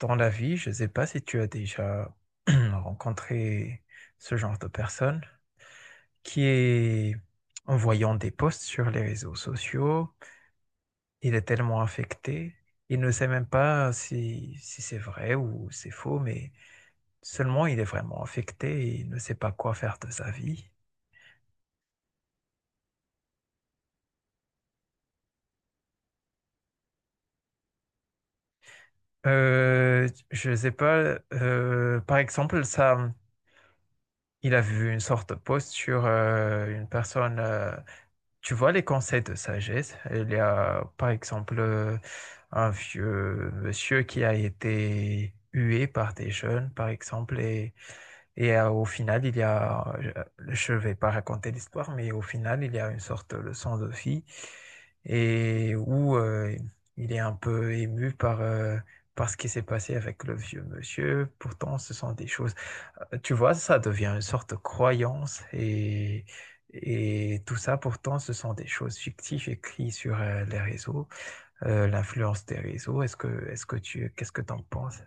Dans la vie, je ne sais pas si tu as déjà rencontré ce genre de personne qui est, en voyant des posts sur les réseaux sociaux, il est tellement affecté, il ne sait même pas si c'est vrai ou c'est faux, mais seulement il est vraiment affecté et il ne sait pas quoi faire de sa vie. Je ne sais pas, par exemple, ça, il a vu une sorte de post sur une personne. Tu vois, les conseils de sagesse, il y a par exemple un vieux monsieur qui a été hué par des jeunes, par exemple, et au final, il y a, je ne vais pas raconter l'histoire, mais au final, il y a une sorte de leçon de vie et où il est un peu ému par, par ce qui s'est passé avec le vieux monsieur. Pourtant, ce sont des choses, tu vois, ça devient une sorte de croyance et tout ça, pourtant, ce sont des choses fictives écrites sur les réseaux. L'influence des réseaux. Qu'est-ce que tu en penses?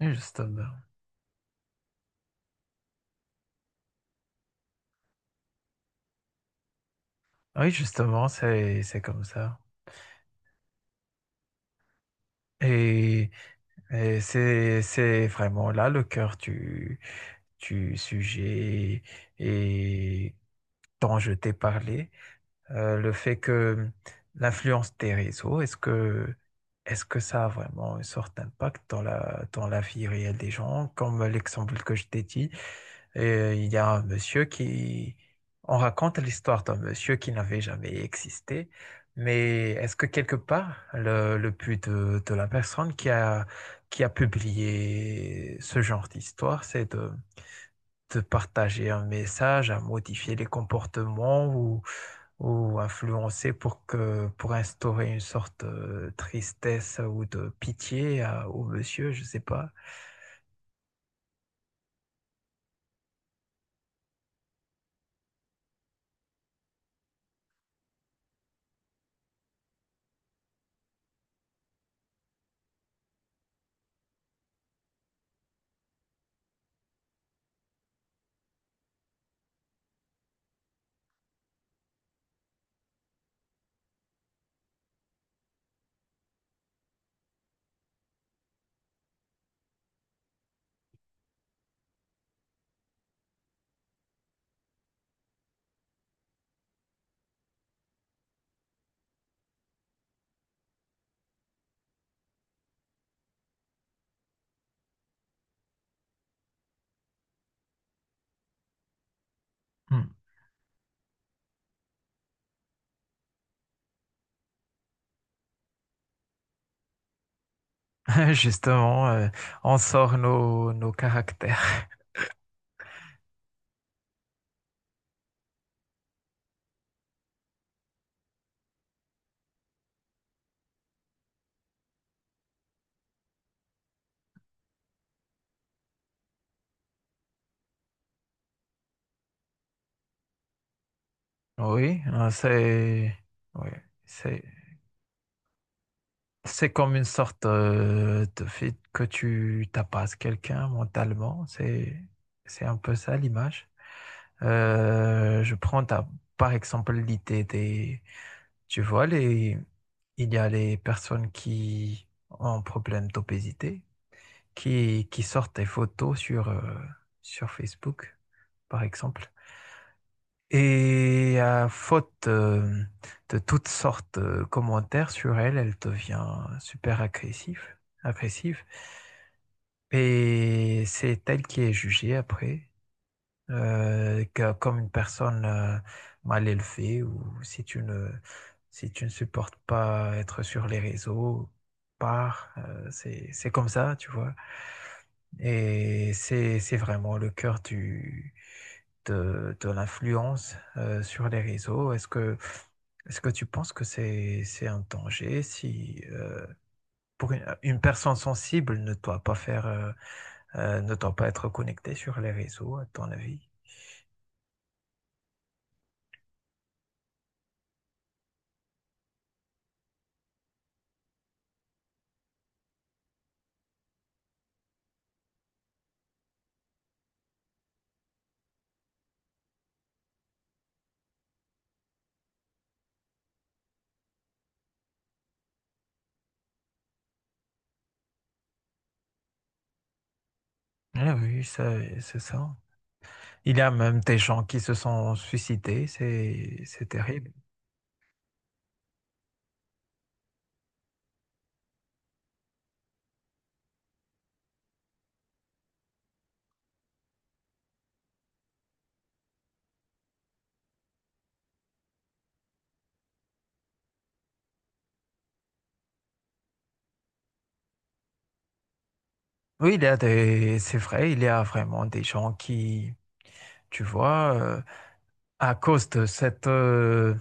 Mhm. Justement. Oui, justement, c'est comme ça. Et, et c'est vraiment là le cœur du sujet et dont je t'ai parlé. Le fait que l'influence des réseaux, est-ce que ça a vraiment une sorte d'impact dans dans la vie réelle des gens, comme l'exemple que je t'ai dit. Et il y a un monsieur qui... On raconte l'histoire d'un monsieur qui n'avait jamais existé, mais est-ce que quelque part, le but de la personne qui a publié ce genre d'histoire, c'est de partager un message, à modifier les comportements ou influencer pour que pour instaurer une sorte de tristesse ou de pitié à- au monsieur, je ne sais pas. Hmm. Justement, on sort nos caractères. Oui, hein, c'est oui, c'est c'est comme une sorte de fait que tu tapasses quelqu'un mentalement, c'est un peu ça l'image. Euh, je prends ta- Par exemple l'idée des... Tu vois, les... il y a les personnes qui ont un problème d'obésité, qui sortent des photos sur, sur Facebook, par exemple. Et à faute de toutes sortes de commentaires sur elle, elle devient super agressive, agressive. Et c'est elle qui est jugée après comme une personne mal élevée ou si tu ne supportes pas être sur les réseaux, pars. C'est comme ça, tu vois. Et c'est vraiment le cœur de l'influence sur les réseaux. Est-ce que tu penses que c'est un danger si, pour une personne sensible ne doit pas faire, ne doit pas être connectée sur les réseaux, à ton avis? Ah oui, c'est ça. Il y a même des gens qui se sont suicidés, c'est terrible. Oui, il y a des, c'est vrai, il y a vraiment des gens qui, tu vois, à cause de cette euh,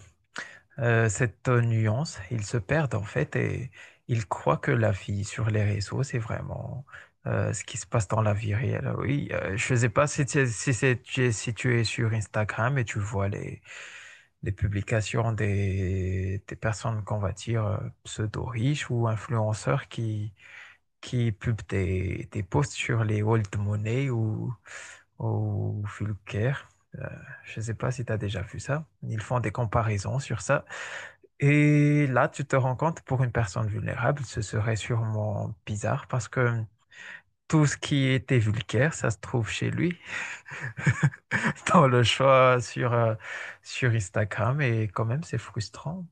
euh, cette nuance, ils se perdent en fait et ils croient que la vie sur les réseaux, c'est vraiment ce qui se passe dans la vie réelle. Oui, je ne sais pas si tu es, si tu es sur Instagram et tu vois les publications des personnes qu'on va dire pseudo-riches ou influenceurs qui publient des posts sur les old money ou Fulker. Euh, je ne sais pas si tu as déjà vu ça. Ils font des comparaisons sur ça. Et là, tu te rends compte, pour une personne vulnérable, ce serait sûrement bizarre parce que tout ce qui était vulgaire, ça se trouve chez lui, dans le choix sur, sur Instagram. Et quand même, c'est frustrant.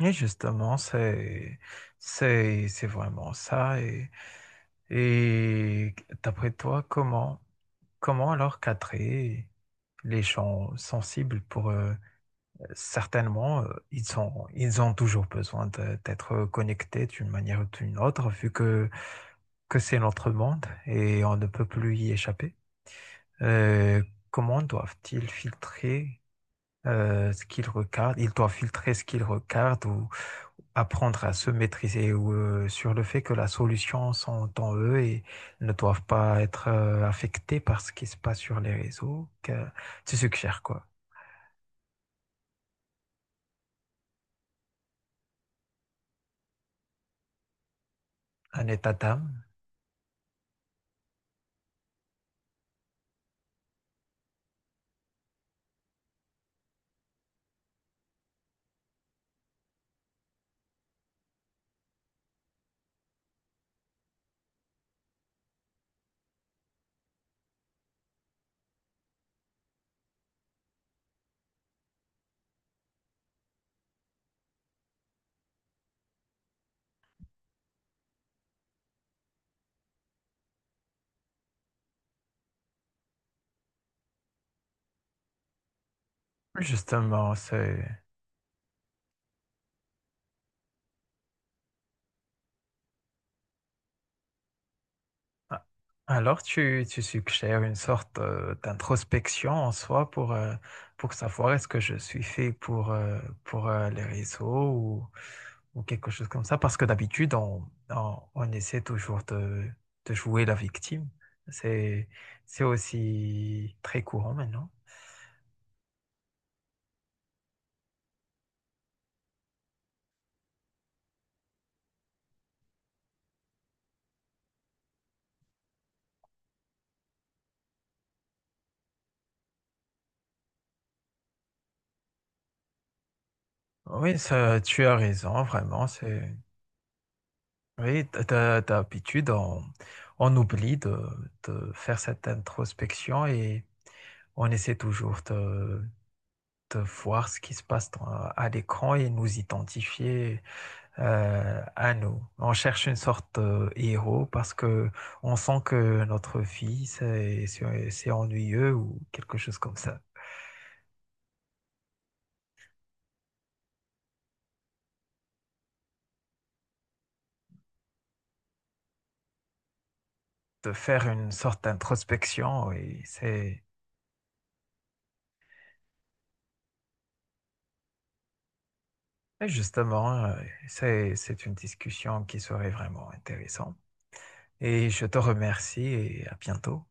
Et justement, c'est vraiment ça. Et d'après toi, comment, comment alors cadrer les gens sensibles pour eux? Certainement, ils sont, ils ont toujours besoin de- d'être connectés d'une manière ou d'une autre, que c'est notre monde et on ne peut plus y échapper. Euh, comment doivent-ils filtrer ce qu'il regarde. Il doit filtrer ce qu'il regarde ou apprendre à se maîtriser ou, sur le fait que la solution sont en eux et ne doivent pas être affectés par ce qui se passe sur les réseaux. Que tu suggères quoi? Un état d'âme? Justement, c'est... Ah. Alors, tu suggères une sorte d'introspection en soi pour savoir est-ce que je suis fait pour, les réseaux ou quelque chose comme ça, parce que d'habitude, on essaie toujours de jouer la victime. C'est, c'est aussi très courant maintenant. Oui, ça, tu as raison, vraiment. C'est, oui, d'habitude, on oublie de faire cette introspection et on essaie toujours de voir ce qui se passe à l'écran et nous identifier à nous. On cherche une sorte de héros parce que on sent que notre vie c'est ennuyeux ou quelque chose comme ça. De faire une sorte d'introspection, et c'est et justement, c'est une discussion qui serait vraiment intéressante. Et je te remercie et à bientôt.